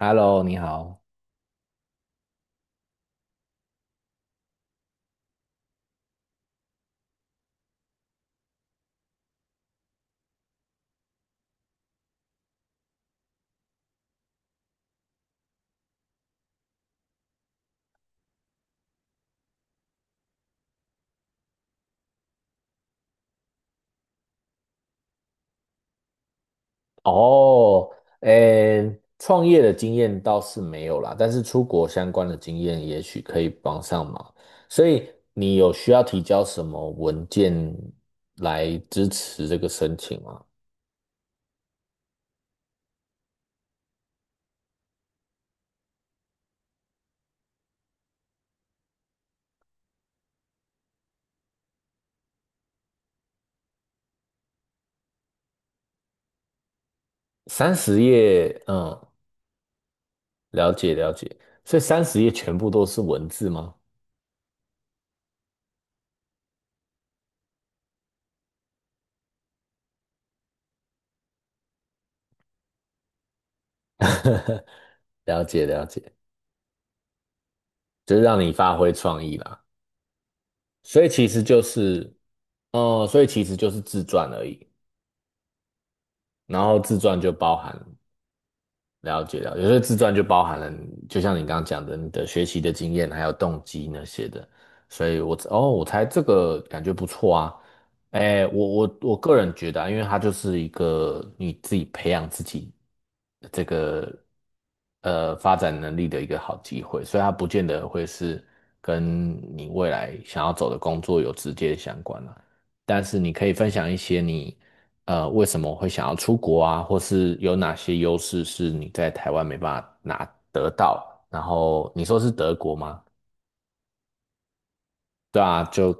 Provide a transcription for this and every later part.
Hello，你好。哦，创业的经验倒是没有啦，但是出国相关的经验也许可以帮上忙。所以你有需要提交什么文件来支持这个申请吗？三十页，嗯，了解了解。所以三十页全部都是文字吗？了解了解，就是让你发挥创意啦。所以其实就是，哦、所以其实就是自传而已。然后自传就包含了解了解，有些自传就包含了，就像你刚刚讲的，你的学习的经验还有动机那些的，所以我猜这个感觉不错啊。哎，我我个人觉得啊，因为它就是一个你自己培养自己这个发展能力的一个好机会，所以它不见得会是跟你未来想要走的工作有直接相关啊。但是你可以分享一些你为什么会想要出国啊，或是有哪些优势是你在台湾没办法拿得到。然后你说是德国吗？对啊，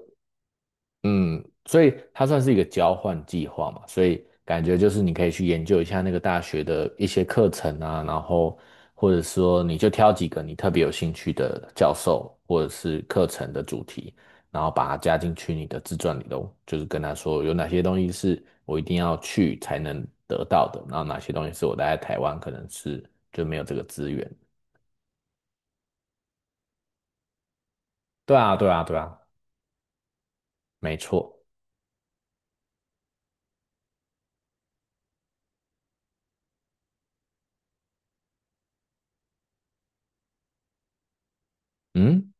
嗯，所以它算是一个交换计划嘛，所以感觉就是你可以去研究一下那个大学的一些课程啊，然后或者说你就挑几个你特别有兴趣的教授或者是课程的主题，然后把它加进去你的自传里头，就是跟他说有哪些东西是我一定要去才能得到的，然后哪些东西是我待在台湾可能是就没有这个资源。对啊，对啊，对啊，没错，嗯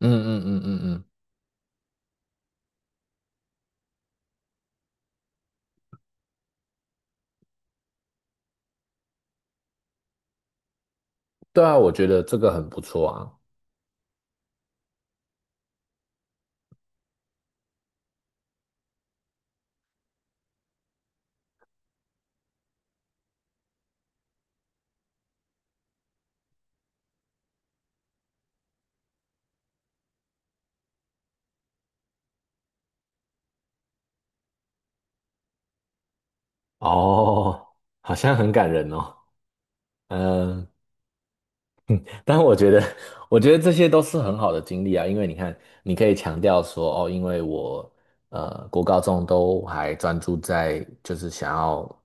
嗯嗯嗯嗯嗯，嗯对啊，我觉得这个很不错啊。哦，好像很感人哦。嗯、但我觉得，我觉得这些都是很好的经历啊，因为你看，你可以强调说，哦，因为我国高中都还专注在就是想要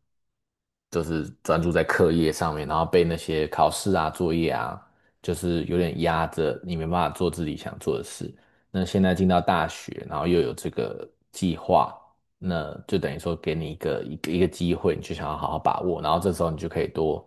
就是专注在课业上面，然后被那些考试啊、作业啊，就是有点压着，你没办法做自己想做的事。那现在进到大学，然后又有这个计划，那就等于说给你一个机会，你就想要好好把握，然后这时候你就可以多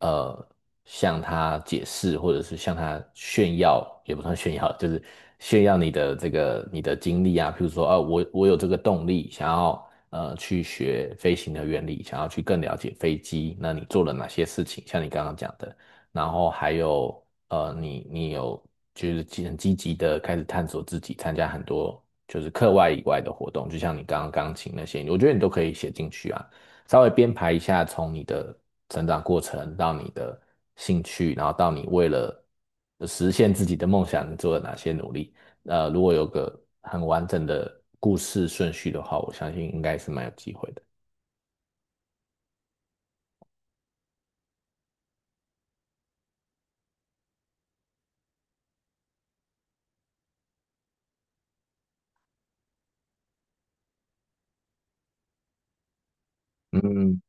呃。向他解释，或者是向他炫耀，也不算炫耀，就是炫耀你的这个你的经历啊。譬如说，啊，我有这个动力，想要去学飞行的原理，想要去更了解飞机。那你做了哪些事情？像你刚刚讲的，然后还有你有就是积积极的开始探索自己，参加很多就是课外以外的活动，就像你刚刚钢琴那些，我觉得你都可以写进去啊。稍微编排一下，从你的成长过程到你的兴趣，然后到你为了实现自己的梦想，你做了哪些努力。如果有个很完整的故事顺序的话，我相信应该是蛮有机会的。嗯，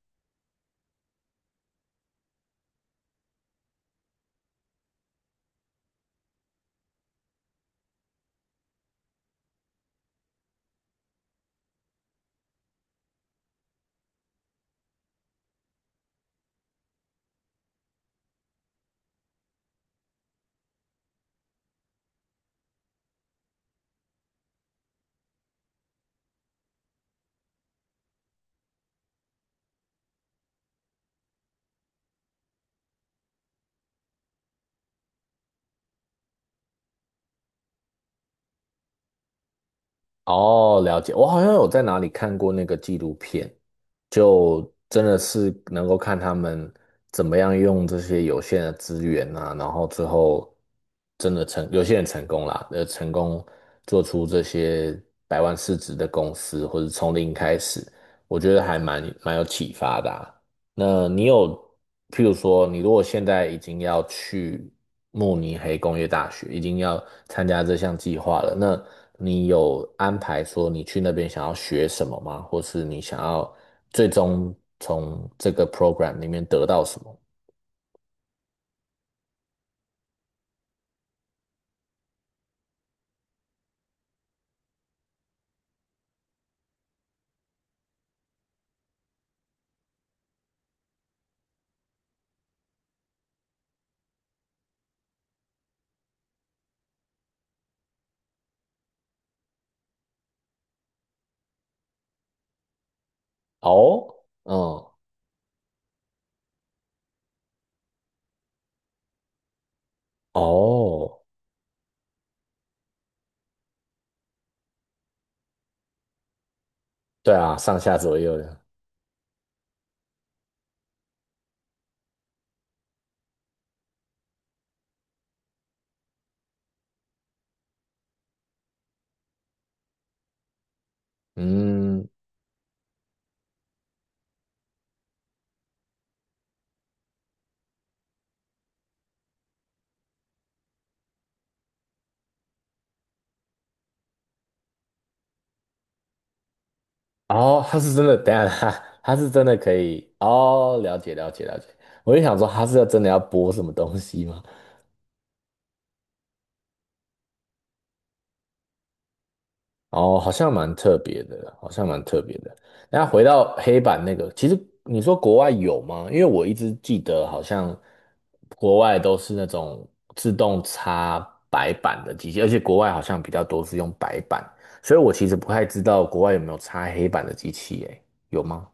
哦，了解。我好像有在哪里看过那个纪录片，就真的是能够看他们怎么样用这些有限的资源啊，然后最后真的成，有些人成功啦，成功做出这些100万市值的公司，或者从零开始，我觉得还蛮有启发的啊。那你有，譬如说，你如果现在已经要去慕尼黑工业大学，已经要参加这项计划了，那你有安排说你去那边想要学什么吗？或是你想要最终从这个 program 里面得到什么？哦嗯，哦，对啊，上下左右的，嗯，哦，他是真的，等一下他 他是真的可以，哦，了解了解了解，我就想说他是要真的要播什么东西吗？哦，好像蛮特别的，好像蛮特别的。那回到黑板那个，其实你说国外有吗？因为我一直记得好像国外都是那种自动擦白板的机器，而且国外好像比较多是用白板，所以我其实不太知道国外有没有擦黑板的机器，诶，有吗？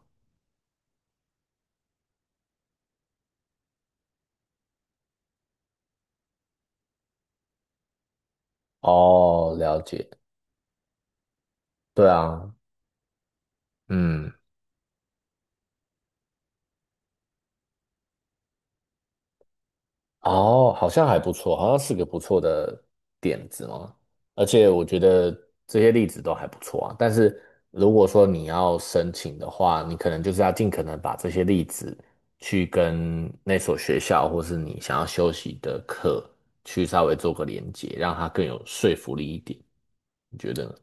哦，了解，对啊，嗯。哦，好像还不错，好像是个不错的点子嘛。而且我觉得这些例子都还不错啊。但是如果说你要申请的话，你可能就是要尽可能把这些例子去跟那所学校或是你想要休息的课去稍微做个连接，让它更有说服力一点。你觉得呢？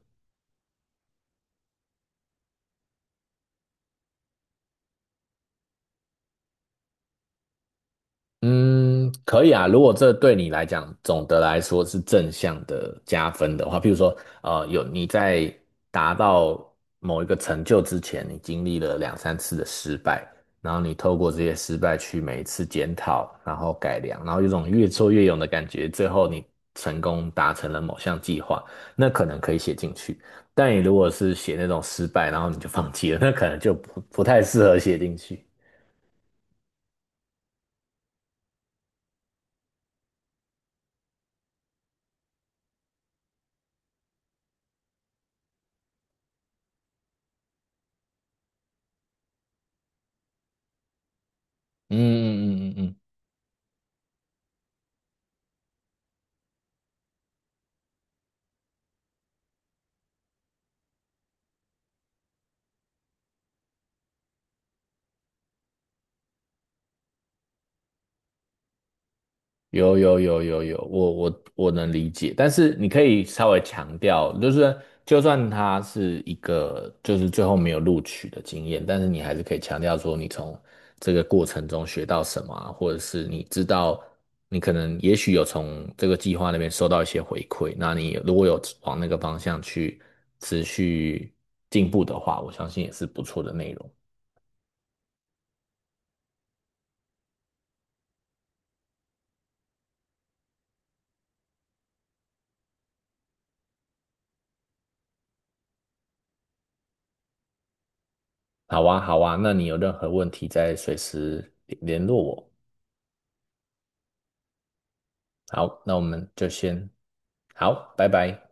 嗯，可以啊。如果这对你来讲，总的来说是正向的加分的话，譬如说，有你在达到某一个成就之前，你经历了2、3次的失败，然后你透过这些失败去每一次检讨，然后改良，然后有种越挫越勇的感觉，最后你成功达成了某项计划，那可能可以写进去。但你如果是写那种失败，然后你就放弃了，那可能就不太适合写进去。嗯嗯嗯嗯嗯。有有有有有，我我能理解，但是你可以稍微强调，就是就算他是一个就是最后没有录取的经验，但是你还是可以强调说你从这个过程中学到什么啊，或者是你知道你可能也许有从这个计划那边收到一些回馈，那你如果有往那个方向去持续进步的话，我相信也是不错的内容。好啊，好啊，那你有任何问题再随时联络我。好，那我们就先好，拜拜。